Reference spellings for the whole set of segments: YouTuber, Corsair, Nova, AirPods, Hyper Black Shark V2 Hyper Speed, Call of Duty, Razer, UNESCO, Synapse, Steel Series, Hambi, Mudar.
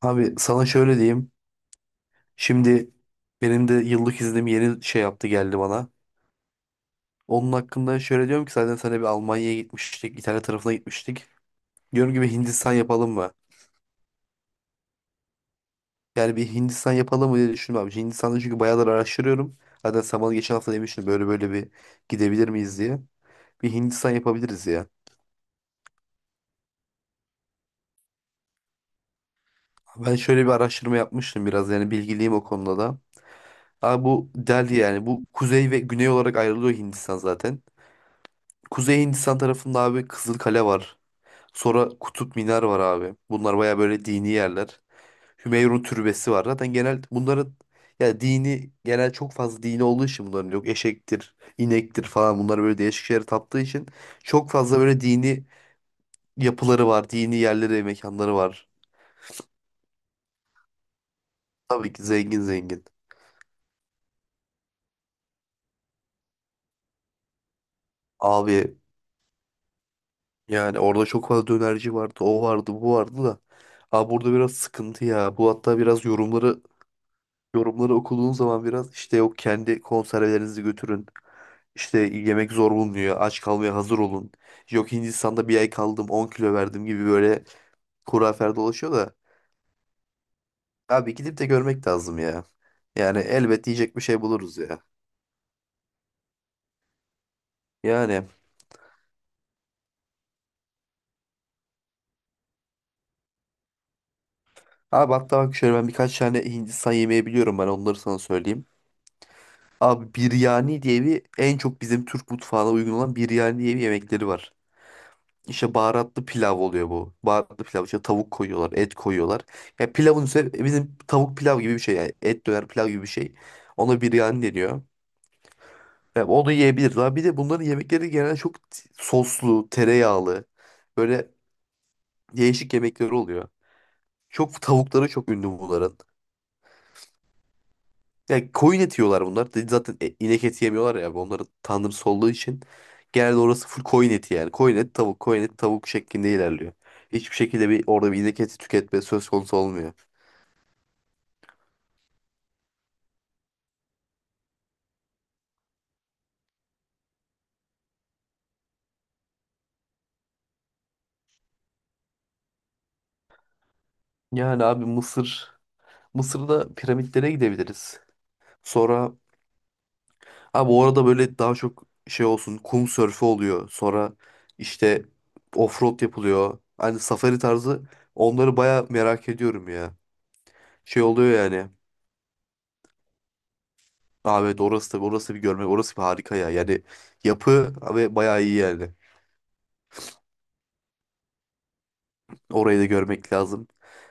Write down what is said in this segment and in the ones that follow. Abi sana şöyle diyeyim. Şimdi benim de yıllık iznim yeni şey yaptı geldi bana. Onun hakkında şöyle diyorum ki zaten sana bir Almanya'ya gitmiştik. İtalya tarafına gitmiştik. Diyorum gibi Hindistan yapalım mı? Yani bir Hindistan yapalım mı diye düşündüm abi. Hindistan'da çünkü bayağıdır araştırıyorum. Zaten sen bana geçen hafta demiştin böyle böyle bir gidebilir miyiz diye. Bir Hindistan yapabiliriz ya. Ben şöyle bir araştırma yapmıştım biraz yani bilgiliyim o konuda da. Abi bu Delhi yani bu kuzey ve güney olarak ayrılıyor Hindistan zaten. Kuzey Hindistan tarafında abi Kızılkale var. Sonra Kutup Minar var abi. Bunlar baya böyle dini yerler. Hümeyrun Türbesi var. Zaten genel bunların ya dini genel çok fazla dini olduğu için bunların yok eşektir, inektir falan bunlar böyle değişik şeylere taptığı için çok fazla böyle dini yapıları var, dini yerleri, mekanları var. Tabii ki zengin zengin. Abi yani orada çok fazla dönerci vardı, o vardı, bu vardı da. Abi burada biraz sıkıntı ya. Bu hatta biraz yorumları okuduğun zaman biraz işte yok kendi konservelerinizi götürün. İşte yemek zor bulunuyor. Aç kalmaya hazır olun. Yok Hindistan'da bir ay kaldım 10 kilo verdim gibi böyle hurafeler dolaşıyor da. Abi gidip de görmek lazım ya. Yani elbet yiyecek bir şey buluruz ya. Yani abi hatta bak şöyle ben birkaç tane Hindistan yemeği biliyorum ben onları sana söyleyeyim. Abi biryani diye bir en çok bizim Türk mutfağına uygun olan biryani diye bir yemekleri var. İşte baharatlı pilav oluyor bu. Baharatlı pilav işte tavuk koyuyorlar, et koyuyorlar. Ya pilavın üzerine bizim tavuk pilav gibi bir şey yani. Et döner pilav gibi bir şey. Ona biryani deniyor. Ya onu yiyebilirler. Bir de bunların yemekleri genelde çok soslu, tereyağlı. Böyle değişik yemekleri oluyor. Çok tavukları çok ünlü bunların. Yani koyun eti yiyorlar bunlar. Dedi. Zaten inek eti yemiyorlar ya. Onların tanrısı olduğu için. Genelde orası full koyun eti yani. Koyun et tavuk, koyun et tavuk şeklinde ilerliyor. Hiçbir şekilde bir orada bir inek eti tüketme söz konusu olmuyor. Yani abi Mısır. Mısır'da piramitlere gidebiliriz. Sonra abi orada böyle daha çok şey olsun kum sörfü oluyor. Sonra işte offroad yapılıyor. Hani safari tarzı onları baya merak ediyorum ya. Şey oluyor yani. Abi evet, orası da orası bir görmek orası bir harika ya. Yani yapı ve bayağı iyi yani. Orayı da görmek lazım.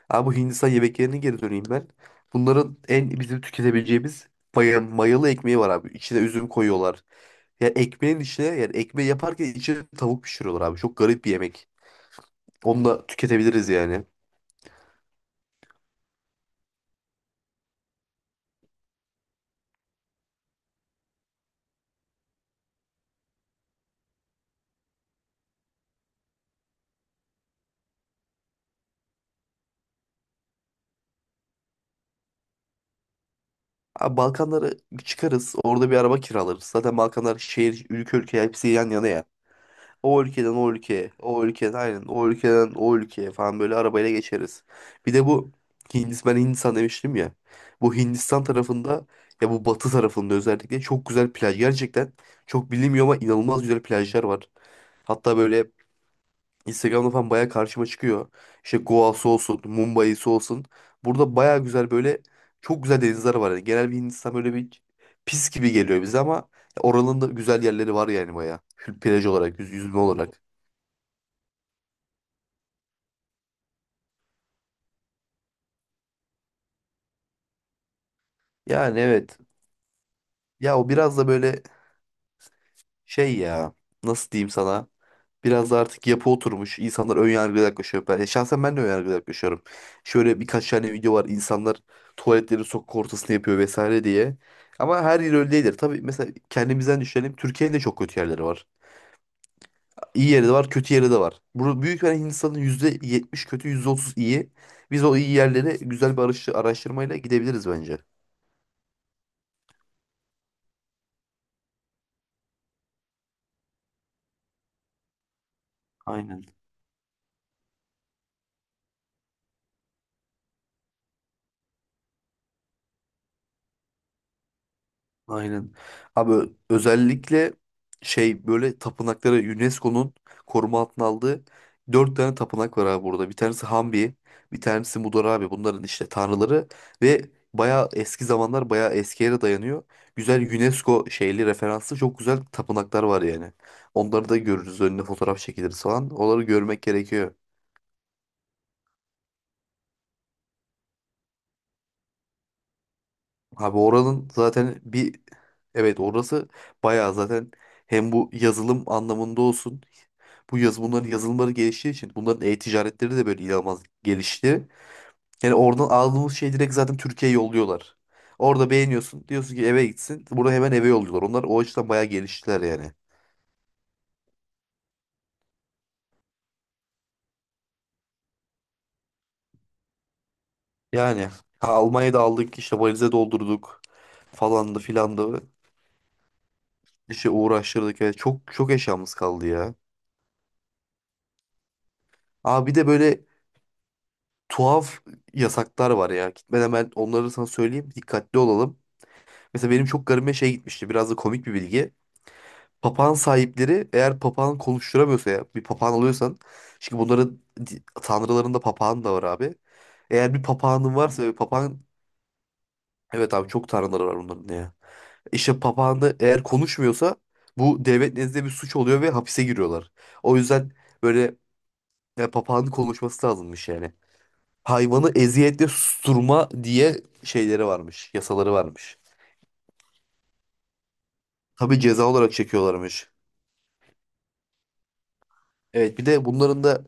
Abi bu Hindistan yemeklerine geri döneyim ben. Bunların en bizim tüketebileceğimiz mayalı ekmeği var abi. İçine üzüm koyuyorlar. Ya ekmeğin içine yani ekmeği yaparken içine tavuk pişiriyorlar abi. Çok garip bir yemek. Onu da tüketebiliriz yani. Abi Balkanlara çıkarız. Orada bir araba kiralarız. Zaten Balkanlar şehir, ülke ülke hepsi yan yana ya. O ülkeden o ülkeye, o ülkeden aynen, o ülkeden o ülkeye falan böyle arabayla geçeriz. Bir de bu Hindistan, ben Hindistan demiştim ya. Bu Hindistan tarafında ya bu batı tarafında özellikle çok güzel plaj. Gerçekten çok bilinmiyor ama inanılmaz güzel plajlar var. Hatta böyle Instagram'da falan baya karşıma çıkıyor. İşte Goa'sı olsun, Mumbai'si olsun. Burada baya güzel böyle çok güzel denizler var. Yani genel bir Hindistan böyle bir pis gibi geliyor bize ama oranın da güzel yerleri var yani baya. Plaj olarak, yüzme olarak. Yani evet. Ya o biraz da böyle şey ya. Nasıl diyeyim sana? Biraz da artık yapı oturmuş. İnsanlar ön yargılı yaklaşıyor. Ben, şahsen ben de ön yargılı yaklaşıyorum. Şöyle birkaç tane video var. İnsanlar tuvaletleri sokak ortasında yapıyor vesaire diye. Ama her yer öyle değildir. Tabii mesela kendimizden düşünelim. Türkiye'nin de çok kötü yerleri var. İyi yeri de var, kötü yeri de var. Burada büyük bir Hindistan'ın %70 kötü, %30 iyi. Biz o iyi yerlere güzel bir araştırmayla gidebiliriz bence. Aynen. Aynen. Abi özellikle şey böyle tapınakları UNESCO'nun koruma altına aldığı dört tane tapınak var abi burada. Bir tanesi Hambi, bir tanesi Mudar abi. Bunların işte tanrıları ve bayağı eski zamanlar bayağı eski yere dayanıyor. Güzel UNESCO şeyli referanslı çok güzel tapınaklar var yani. Onları da görürüz. Önüne fotoğraf çekiliriz falan. Onları görmek gerekiyor. Abi oranın zaten bir evet orası bayağı zaten hem bu yazılım anlamında olsun bu yaz bunların yazılımları geliştiği için bunların e-ticaretleri de böyle inanılmaz gelişti. Yani oradan aldığımız şey direkt zaten Türkiye'ye yolluyorlar. Orada beğeniyorsun diyorsun ki eve gitsin. Bunu hemen eve yolluyorlar. Onlar o açıdan bayağı geliştiler yani. Yani ha, Almanya'da aldık işte valize doldurduk falandı filandı işte uğraştırdık. Yani çok çok eşyamız kaldı ya. Abi bir de böyle tuhaf yasaklar var ya. Gitmeden ben onları sana söyleyeyim. Dikkatli olalım. Mesela benim çok garibime şey gitmişti. Biraz da komik bir bilgi. Papağan sahipleri eğer papağan konuşturamıyorsa ya bir papağan alıyorsan çünkü bunların tanrılarında papağan da var abi. Eğer bir papağanın varsa ve papağan evet abi çok tanrıları var bunların ya. İşte papağanı eğer konuşmuyorsa bu devlet nezdinde bir suç oluyor ve hapise giriyorlar. O yüzden böyle ya, papağanın konuşması lazımmış yani. Hayvanı eziyetle susturma diye şeyleri varmış, yasaları varmış. Tabii ceza olarak çekiyorlarmış. Evet, bir de bunların da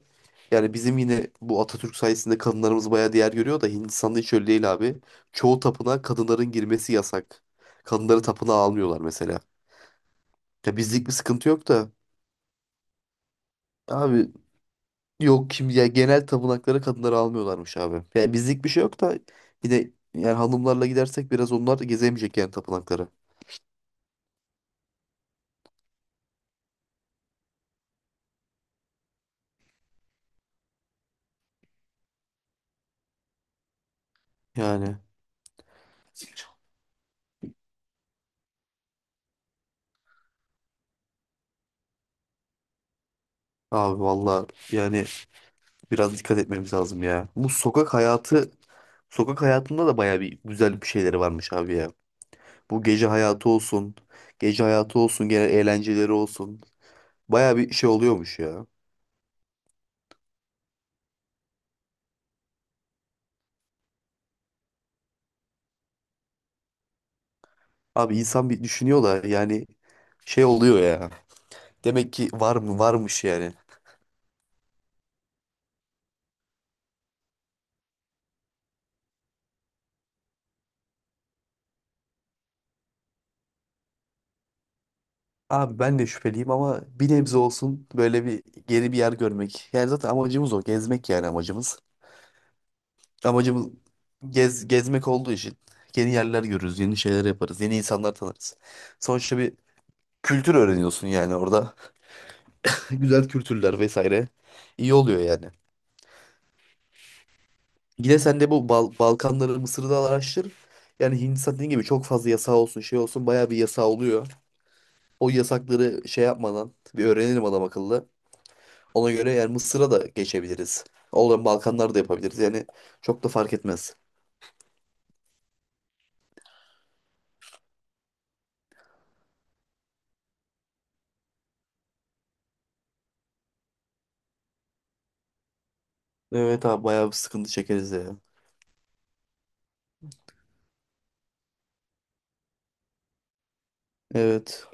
yani bizim yine bu Atatürk sayesinde kadınlarımız bayağı değer görüyor da Hindistan'da hiç öyle değil abi. Çoğu tapınağa kadınların girmesi yasak. Kadınları tapınağa almıyorlar mesela. Ya bizlik bir sıkıntı yok da abi yok kim ya genel tapınaklara kadınları almıyorlarmış abi. Yani bizlik bir şey yok da yine yani hanımlarla gidersek biraz onlar da gezemeyecek yani tapınakları. Yani. Abi valla yani biraz dikkat etmemiz lazım ya. Bu sokak hayatı, sokak hayatında da baya bir güzel bir şeyleri varmış abi ya. Bu gece hayatı olsun, gece hayatı olsun, genel eğlenceleri olsun. Baya bir şey oluyormuş ya. Abi insan bir düşünüyor da yani şey oluyor ya. Demek ki var mı varmış yani. Abi ben de şüpheliyim ama bir nebze olsun böyle bir geri bir yer görmek. Yani zaten amacımız o. Gezmek yani amacımız. Amacımız gezmek olduğu için yeni yerler görürüz, yeni şeyler yaparız, yeni insanlar tanırız. Sonuçta bir kültür öğreniyorsun yani orada. Güzel kültürler vesaire. İyi oluyor yani. Yine sen de bu Balkanları, Mısır'ı da araştır. Yani Hindistan dediğin gibi çok fazla yasağı olsun, şey olsun bayağı bir yasağı oluyor. O yasakları şey yapmadan bir öğrenelim adam akıllı. Ona göre yani Mısır'a da geçebiliriz. Olan Balkanlar da yapabiliriz. Yani çok da fark etmez. Evet abi bayağı bir sıkıntı çekeriz ya. Evet.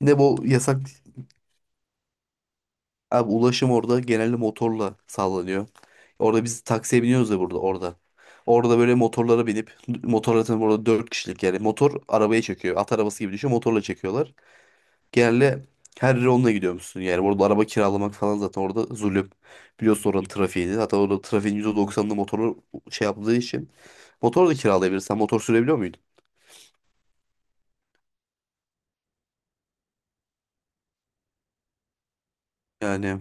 Bir de bu yasak abi ulaşım orada genelde motorla sağlanıyor. Orada biz taksiye biniyoruz ya burada orada. Orada böyle motorlara binip motorla tabii orada 4 kişilik yani motor arabaya çekiyor. At arabası gibi düşüyor motorla çekiyorlar. Genelde her yere onunla gidiyormuşsun yani. Orada araba kiralamak falan zaten orada zulüm. Biliyorsun oranın trafiğini. Hatta orada trafiğin %90'ını motorla şey yaptığı için. Motor da kiralayabilirsen motor sürebiliyor muydun? Yani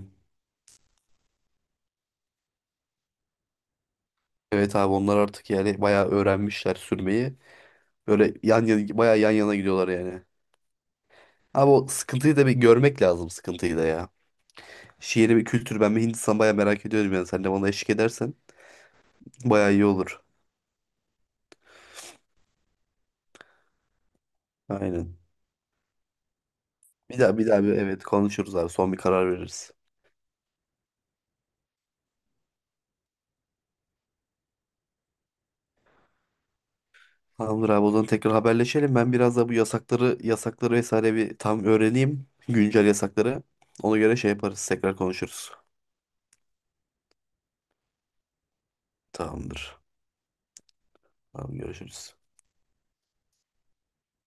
evet abi onlar artık yani bayağı öğrenmişler sürmeyi. Böyle yan yana, bayağı yan yana gidiyorlar yani. Abi o sıkıntıyı da bir görmek lazım sıkıntıyı da ya. Şiiri bir kültür ben bir Hindistan bayağı merak ediyorum yani sen de bana eşlik edersen bayağı iyi olur. Aynen. Bir daha bir daha bir evet konuşuruz abi son bir karar veririz. Tamamdır abi o zaman tekrar haberleşelim. Ben biraz da bu yasakları vesaire bir tam öğreneyim. Güncel yasakları. Ona göre şey yaparız tekrar konuşuruz. Tamamdır. Tamam görüşürüz.